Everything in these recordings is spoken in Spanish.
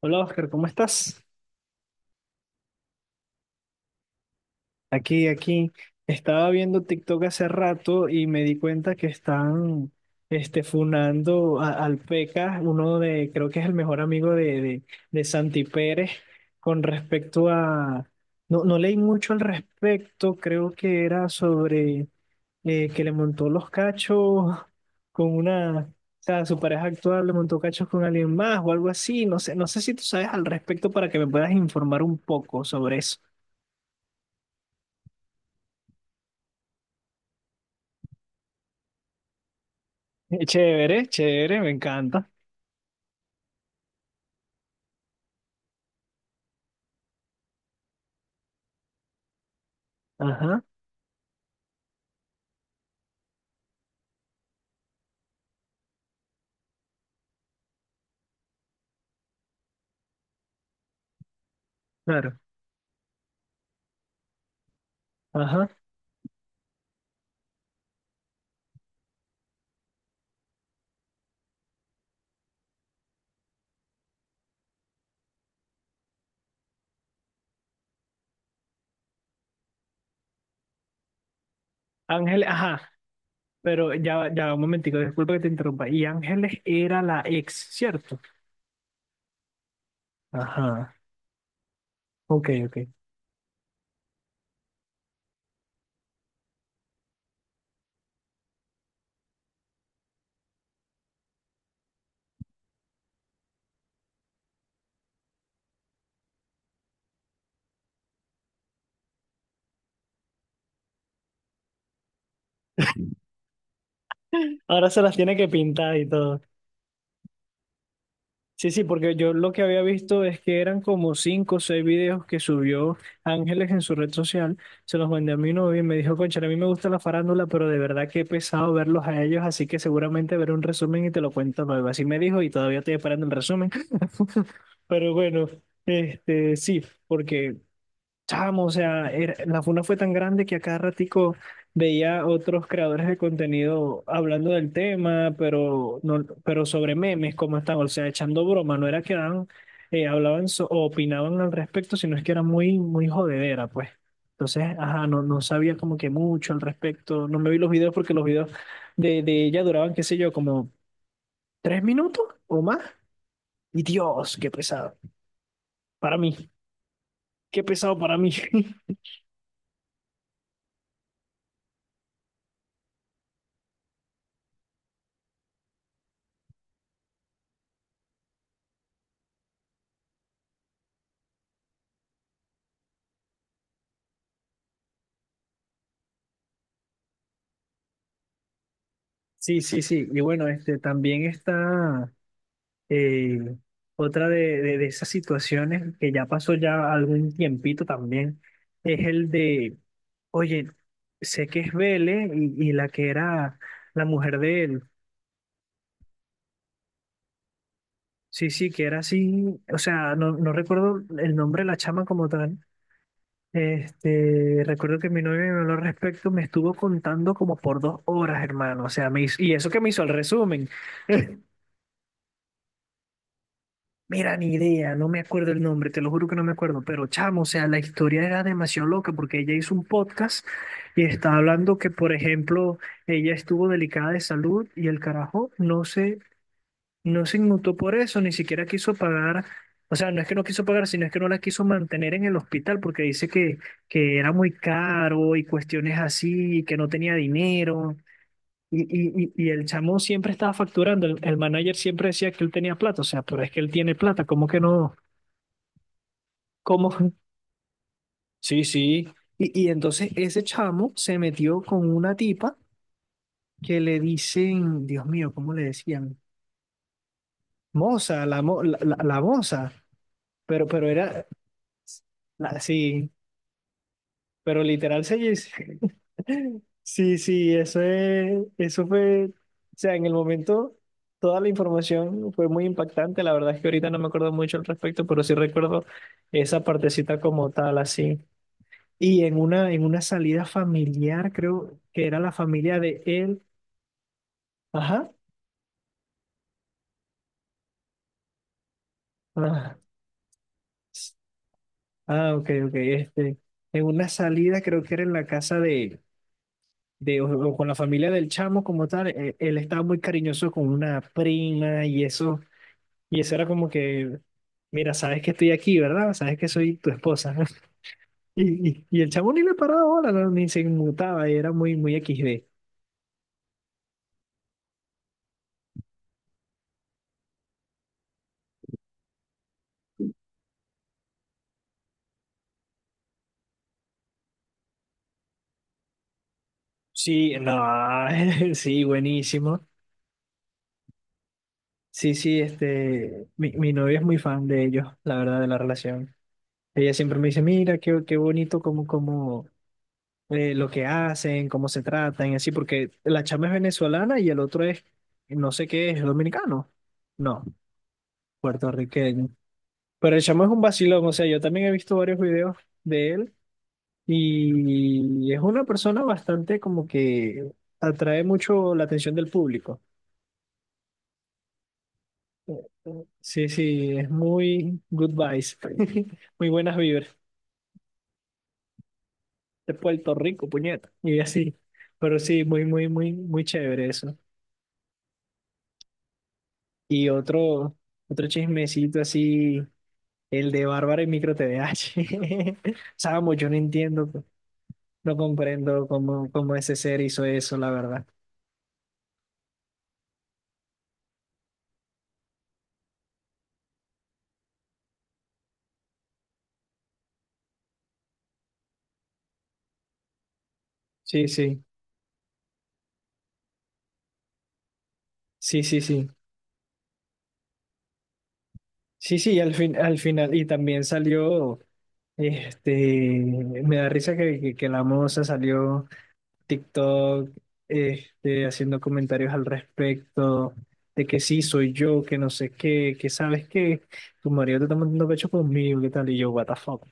Hola Oscar, ¿cómo estás? Aquí. Estaba viendo TikTok hace rato y me di cuenta que están funando al Pecas, creo que es el mejor amigo de Santi Pérez, con respecto a... No, no leí mucho al respecto, creo que era sobre que le montó los cachos con una... O sea, su pareja actual le montó cachos con alguien más o algo así. No sé, no sé si tú sabes al respecto para que me puedas informar un poco sobre eso. Chévere, chévere, me encanta. Ajá, claro. Ajá. Ángeles, ajá. Pero un momentico, disculpa que te interrumpa. Y Ángeles era la ex, ¿cierto? Ajá. Ok, ok. Ahora se las tiene que pintar y todo. Sí, sí, porque yo lo que había visto es que eran como cinco o seis videos que subió Ángeles en su red social. Se los mandé a mi novio y me dijo, concha, a mí me gusta la farándula, pero de verdad que he pesado verlos a ellos, así que seguramente veré un resumen y te lo cuento luego. Así me dijo y todavía estoy esperando el resumen. Pero bueno, sí, porque, chamo, o sea, la funa fue tan grande que a cada ratico veía otros creadores de contenido hablando del tema, pero, no, pero sobre memes, cómo están, o sea, echando broma, no era que eran, hablaban o opinaban al respecto, sino es que era muy, muy jodedera, pues. Entonces, ajá, no, no sabía como que mucho al respecto, no me vi los videos porque los videos de ella duraban, qué sé yo, como tres minutos o más, y Dios, qué pesado, para mí. Qué pesado para mí. Sí, sí, sí. Y bueno, este también está eh, otra de esas situaciones que ya pasó ya algún tiempito también, es el de, oye, sé que es Vele y la que era la mujer de él. Sí, sí, que era así. O sea, no, no recuerdo el nombre de la chama como tal. Este, recuerdo que mi novia me habló al respecto, me estuvo contando como por dos horas, hermano. O sea, y eso que me hizo el resumen. Mira, ni idea, no me acuerdo el nombre, te lo juro que no me acuerdo, pero chamo, o sea, la historia era demasiado loca porque ella hizo un podcast y estaba hablando que, por ejemplo, ella estuvo delicada de salud y el carajo no se inmutó por eso, ni siquiera quiso pagar, o sea, no es que no quiso pagar, sino es que no la quiso mantener en el hospital porque dice que era muy caro y cuestiones así, y que no tenía dinero. Y, y el chamo siempre estaba facturando, el manager siempre decía que él tenía plata, o sea, pero es que él tiene plata, ¿cómo que no? Como, sí, sí. Y entonces ese chamo se metió con una tipa que le dicen, Dios mío, ¿cómo le decían? Moza, la moza. Pero era, sí, pero literal se dice. Sí, sí, eso es, eso fue, o sea, en el momento toda la información fue muy impactante. La verdad es que ahorita no me acuerdo mucho al respecto, pero sí recuerdo esa partecita como tal, así. Y en una salida familiar, creo que era la familia de él. Ajá. Ah, ah, ok, ok. Este, en una salida, creo que era en la casa de, o con la familia del chamo como tal. Él estaba muy cariñoso con una prima y eso era como que, mira, sabes que estoy aquí, ¿verdad? Sabes que soy tu esposa. Y, y el chamo ni le paraba bola, no, ni se inmutaba, y era muy, muy XD. Sí, no, sí, buenísimo. Sí, sí, este, mi novia es muy fan de ellos, la verdad, de la relación. Ella siempre me dice, mira, qué, qué bonito cómo, cómo, lo que hacen, cómo se tratan y así, porque la chama es venezolana y el otro es, no sé qué, es dominicano. No, puertorriqueño. Pero el chamo es un vacilón, o sea, yo también he visto varios videos de él y es una persona bastante como que atrae mucho la atención del público. Sí, sí, es muy good vibes, muy buenas vibras de Puerto Rico, puñeta, y así. Pero sí, muy, muy, muy, muy chévere eso. Y otro, otro chismecito así, el de Bárbara y Micro TVH. Samo, yo no entiendo, pues, no comprendo cómo, cómo ese ser hizo eso, la verdad. Sí, sí, sí, sí, sí. Sí, sí, al fin, al final, y también salió, este, me da risa que la moza salió. TikTok, este, haciendo comentarios al respecto, de que sí, soy yo, que no sé qué, que sabes que tu marido te está mandando pecho conmigo, qué tal, y yo, what the fuck,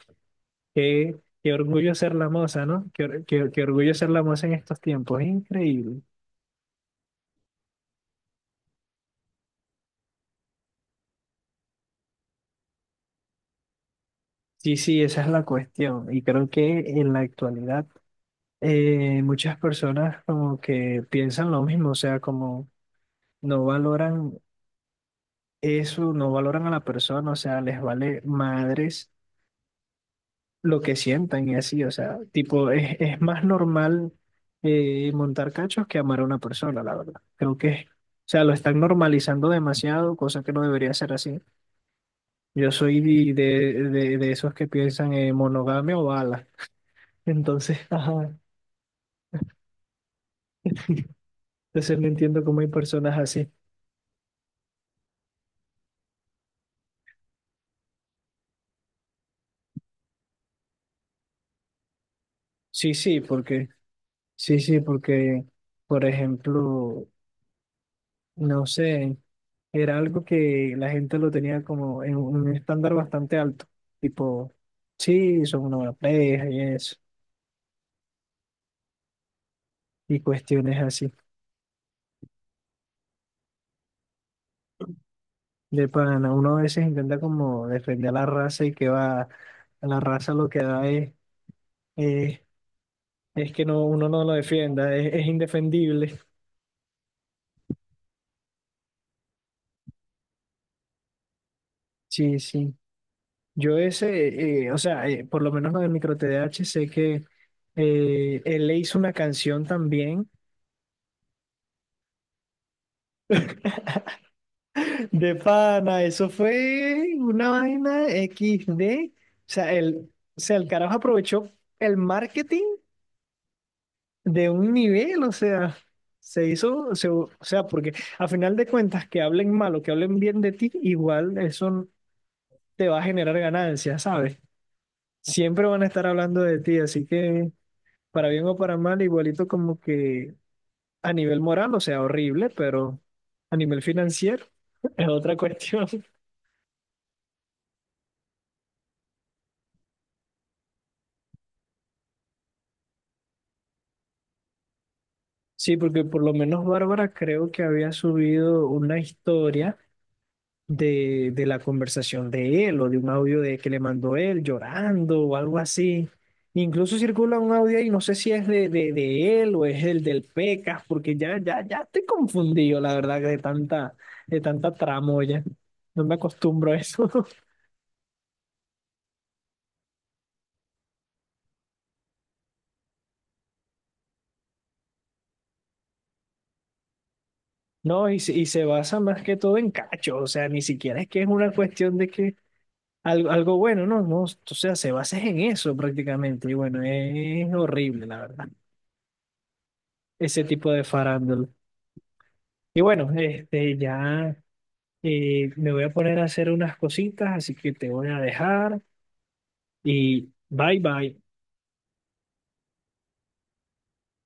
qué, qué orgullo ser la moza, ¿no? Qué, qué, qué orgullo ser la moza en estos tiempos, es increíble. Sí, sí, esa es la cuestión, y creo que en la actualidad muchas personas como que piensan lo mismo, o sea, como no valoran eso, no valoran a la persona, o sea, les vale madres lo que sientan y así, o sea, tipo, es más normal montar cachos que amar a una persona, la verdad. Creo que, o sea, lo están normalizando demasiado, cosa que no debería ser así. Yo soy de esos que piensan en monogamia o ala. Entonces, ajá, entonces no entiendo cómo hay personas así. Sí, sí, porque, sí, sí, porque, por ejemplo, no sé, era algo que la gente lo tenía como en un estándar bastante alto, tipo, sí, son una buena pareja y eso, y cuestiones así. De pana, uno a veces intenta como defender a la raza y que va, a la raza lo que da es, es que no, uno no lo defienda, es indefendible. Sí, sí. Yo ese, o sea, por lo menos lo del micro TDAH sé que él le hizo una canción también. De pana, eso fue una vaina XD. O sea, el carajo aprovechó el marketing de un nivel, o sea, o sea, porque a final de cuentas, que hablen mal o que hablen bien de ti, igual eso te va a generar ganancias, ¿sabes? Siempre van a estar hablando de ti, así que para bien o para mal, igualito como que a nivel moral, o sea, horrible, pero a nivel financiero es otra cuestión. Sí, porque por lo menos Bárbara creo que había subido una historia de la conversación de él o de un audio de que le mandó él llorando o algo así. Incluso circula un audio ahí, no sé si es de él o es el del Pecas, porque ya estoy confundido, la verdad, de tanta tramoya. No me acostumbro a eso. No, y se basa más que todo en cacho, o sea, ni siquiera es que es una cuestión de que algo, algo bueno, ¿no? No, o sea, se basa en eso prácticamente. Y bueno, es horrible, la verdad, ese tipo de farándula. Y bueno, este, ya me voy a poner a hacer unas cositas, así que te voy a dejar y bye bye.